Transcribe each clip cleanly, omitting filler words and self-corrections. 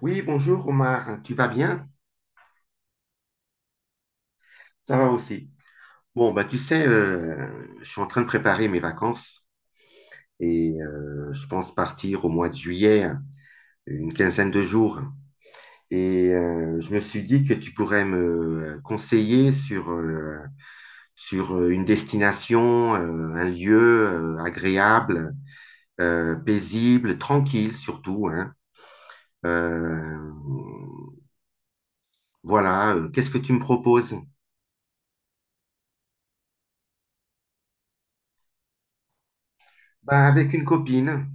Oui, bonjour Omar, tu vas bien? Ça va aussi. Bon, bah tu sais, je suis en train de préparer mes vacances et je pense partir au mois de juillet, une quinzaine de jours. Et je me suis dit que tu pourrais me conseiller sur une destination, un lieu agréable, paisible, tranquille surtout, hein. Euh, voilà, qu'est-ce que tu me proposes? Bah, avec une copine.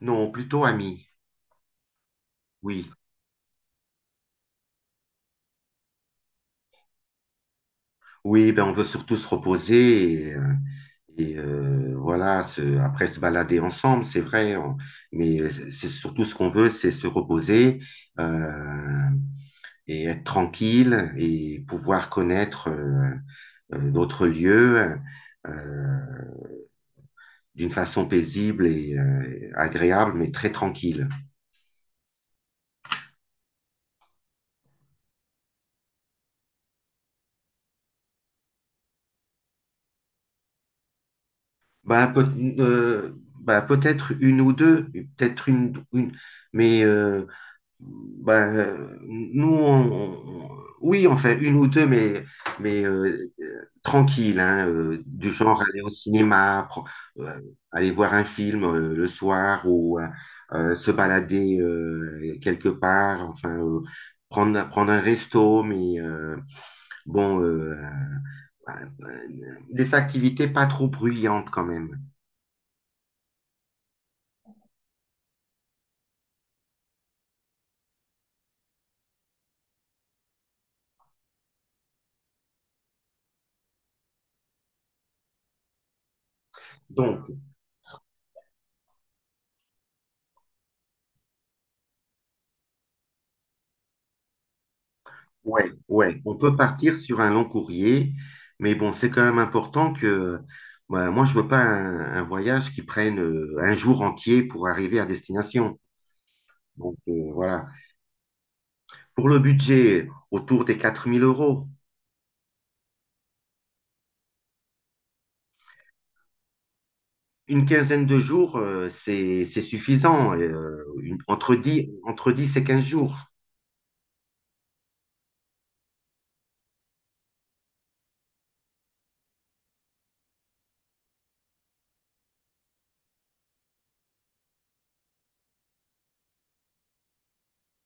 Non, plutôt amie. Oui, oui, ben on veut surtout se reposer et voilà, après se balader ensemble, c'est vrai, mais c'est surtout ce qu'on veut, c'est se reposer euh, et être tranquille et pouvoir connaître d'autres lieux euh, d'une façon paisible et agréable, mais très tranquille. Ben, peut, euh, ben, peut-être une ou deux, peut-être une mais ben, nous, oui, on fait une ou deux, mais tranquille, hein, du genre aller au cinéma, euh, aller voir un film le soir ou se balader quelque part, enfin, prendre un resto, mais bon, euh, euh, des activités pas trop bruyantes quand même. Donc, ouais, ouais, on peut partir sur un long courrier, mais bon, c'est quand même important que bah, moi, je veux pas un voyage qui prenne un jour entier pour arriver à destination. Donc voilà. Pour le budget, autour des 4000 euros. Une quinzaine de jours, c'est suffisant. Et, entre dix et 15 jours,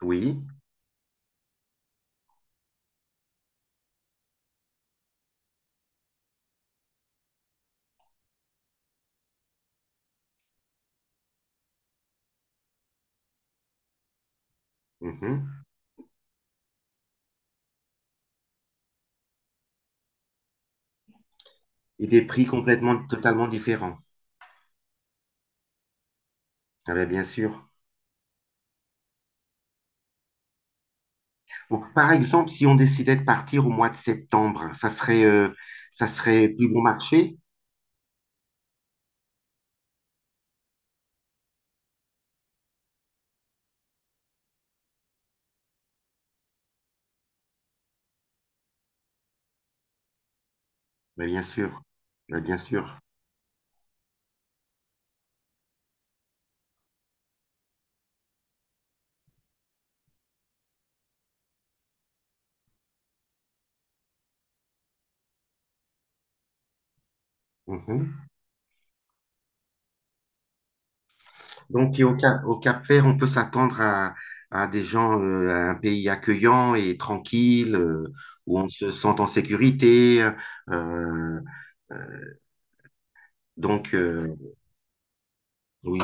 oui. Mhm. Et des prix complètement, totalement différents. Ah ben, bien sûr. Bon, par exemple, si on décidait de partir au mois de septembre, hein, ça serait plus bon marché? Mais bien sûr, mais bien sûr. Mhm. Donc, et au Cap-Vert, on peut s'attendre à des gens, à un pays accueillant et tranquille, où on se sent en sécurité. euh, euh, donc, oui.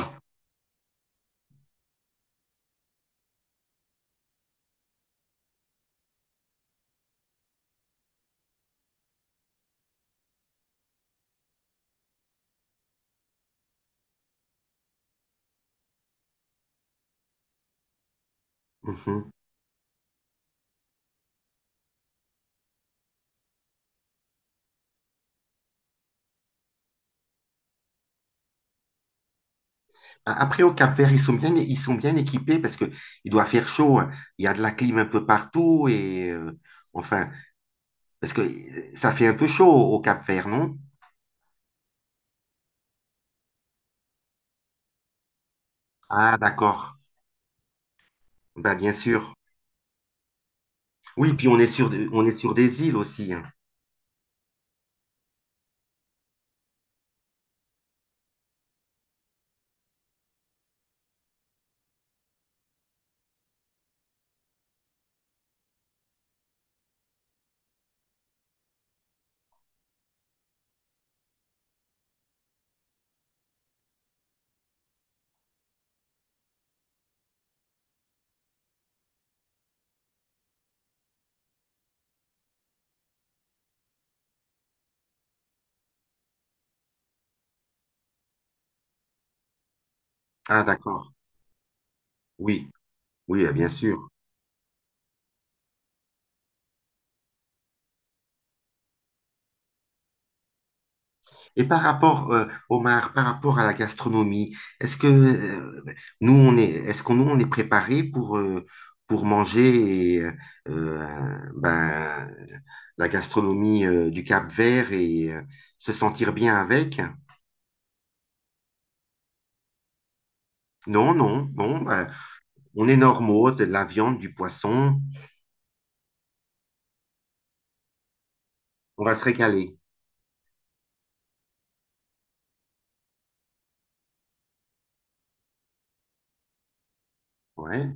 Mhm. Après, au Cap-Vert, ils sont bien équipés parce que il doit faire chaud, hein. Il y a de la clim un peu partout et enfin, parce que ça fait un peu chaud au Cap-Vert, non? Ah, d'accord. Ben, bien sûr. Oui, puis on est sur, on est sur des îles aussi, hein. Ah, d'accord. Oui, oui, bien sûr. Et par rapport, Omar, par rapport à la gastronomie, est-ce que nous, on est, est-ce qu'on nous, on est préparé pour manger et ben, la gastronomie du Cap-Vert et se sentir bien avec? Non, non. Bon, ben, on est normaux, de la viande, du poisson. On va se régaler. Ouais.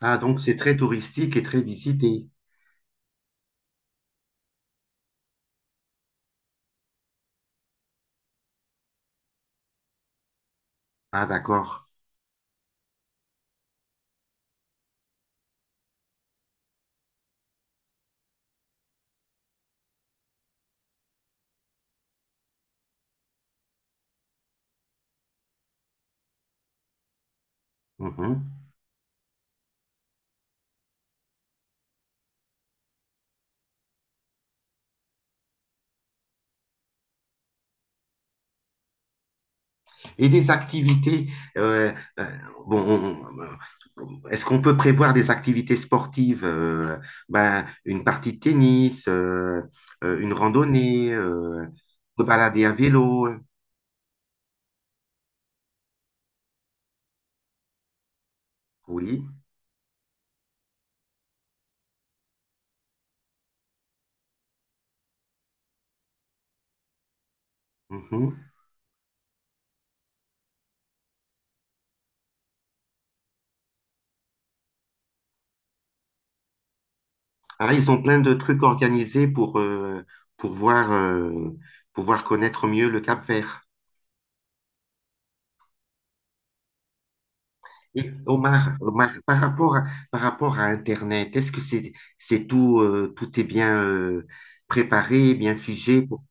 Ah, donc c'est très touristique et très visité. Ah, d'accord. Mhm. Et des activités, euh, euh, bon, est-ce qu'on peut prévoir des activités sportives, ben, une partie de tennis, une randonnée, se balader à vélo? Oui. Mhm. Ah, ils ont plein de trucs organisés pour voir, euh, pour voir connaître mieux le Cap-Vert. Et Omar, Omar, par rapport à Internet, est-ce que c'est tout, tout est bien préparé, bien figé?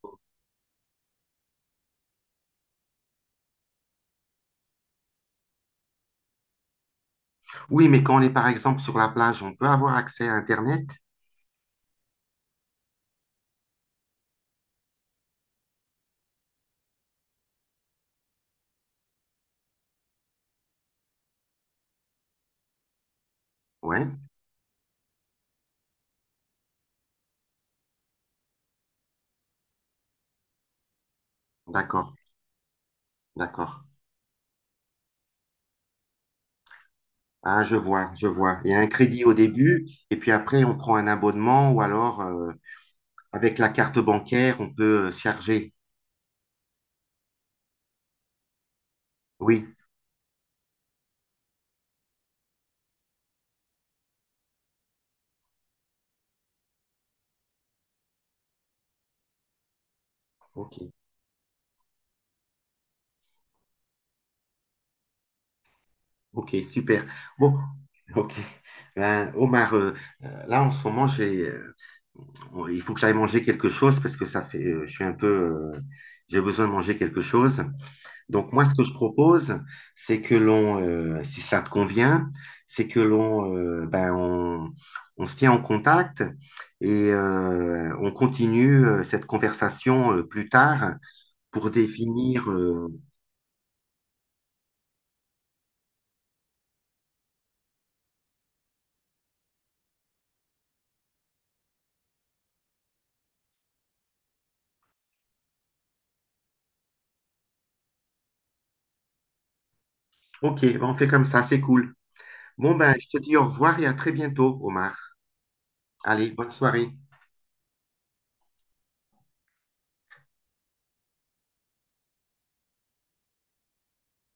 Oui, mais quand on est par exemple sur la plage, on peut avoir accès à Internet? Ouais, d'accord, d'accord. Ah, je vois, je vois. Il y a un crédit au début, et puis après, on prend un abonnement, ou alors, avec la carte bancaire, on peut charger. Oui, ok, ok, super. Bon, ok. Ben, Omar, là, en ce moment, bon, il faut que j'aille manger quelque chose parce que ça fait, je suis un peu, euh, j'ai besoin de manger quelque chose. Donc moi, ce que je propose, c'est que l'on, si ça te convient, c'est que l'on, ben, on se tient en contact et on continue cette conversation plus tard pour définir. Ok, ben, on fait comme ça, c'est cool. Bon ben, je te dis au revoir et à très bientôt, Omar. Allez, bonne soirée.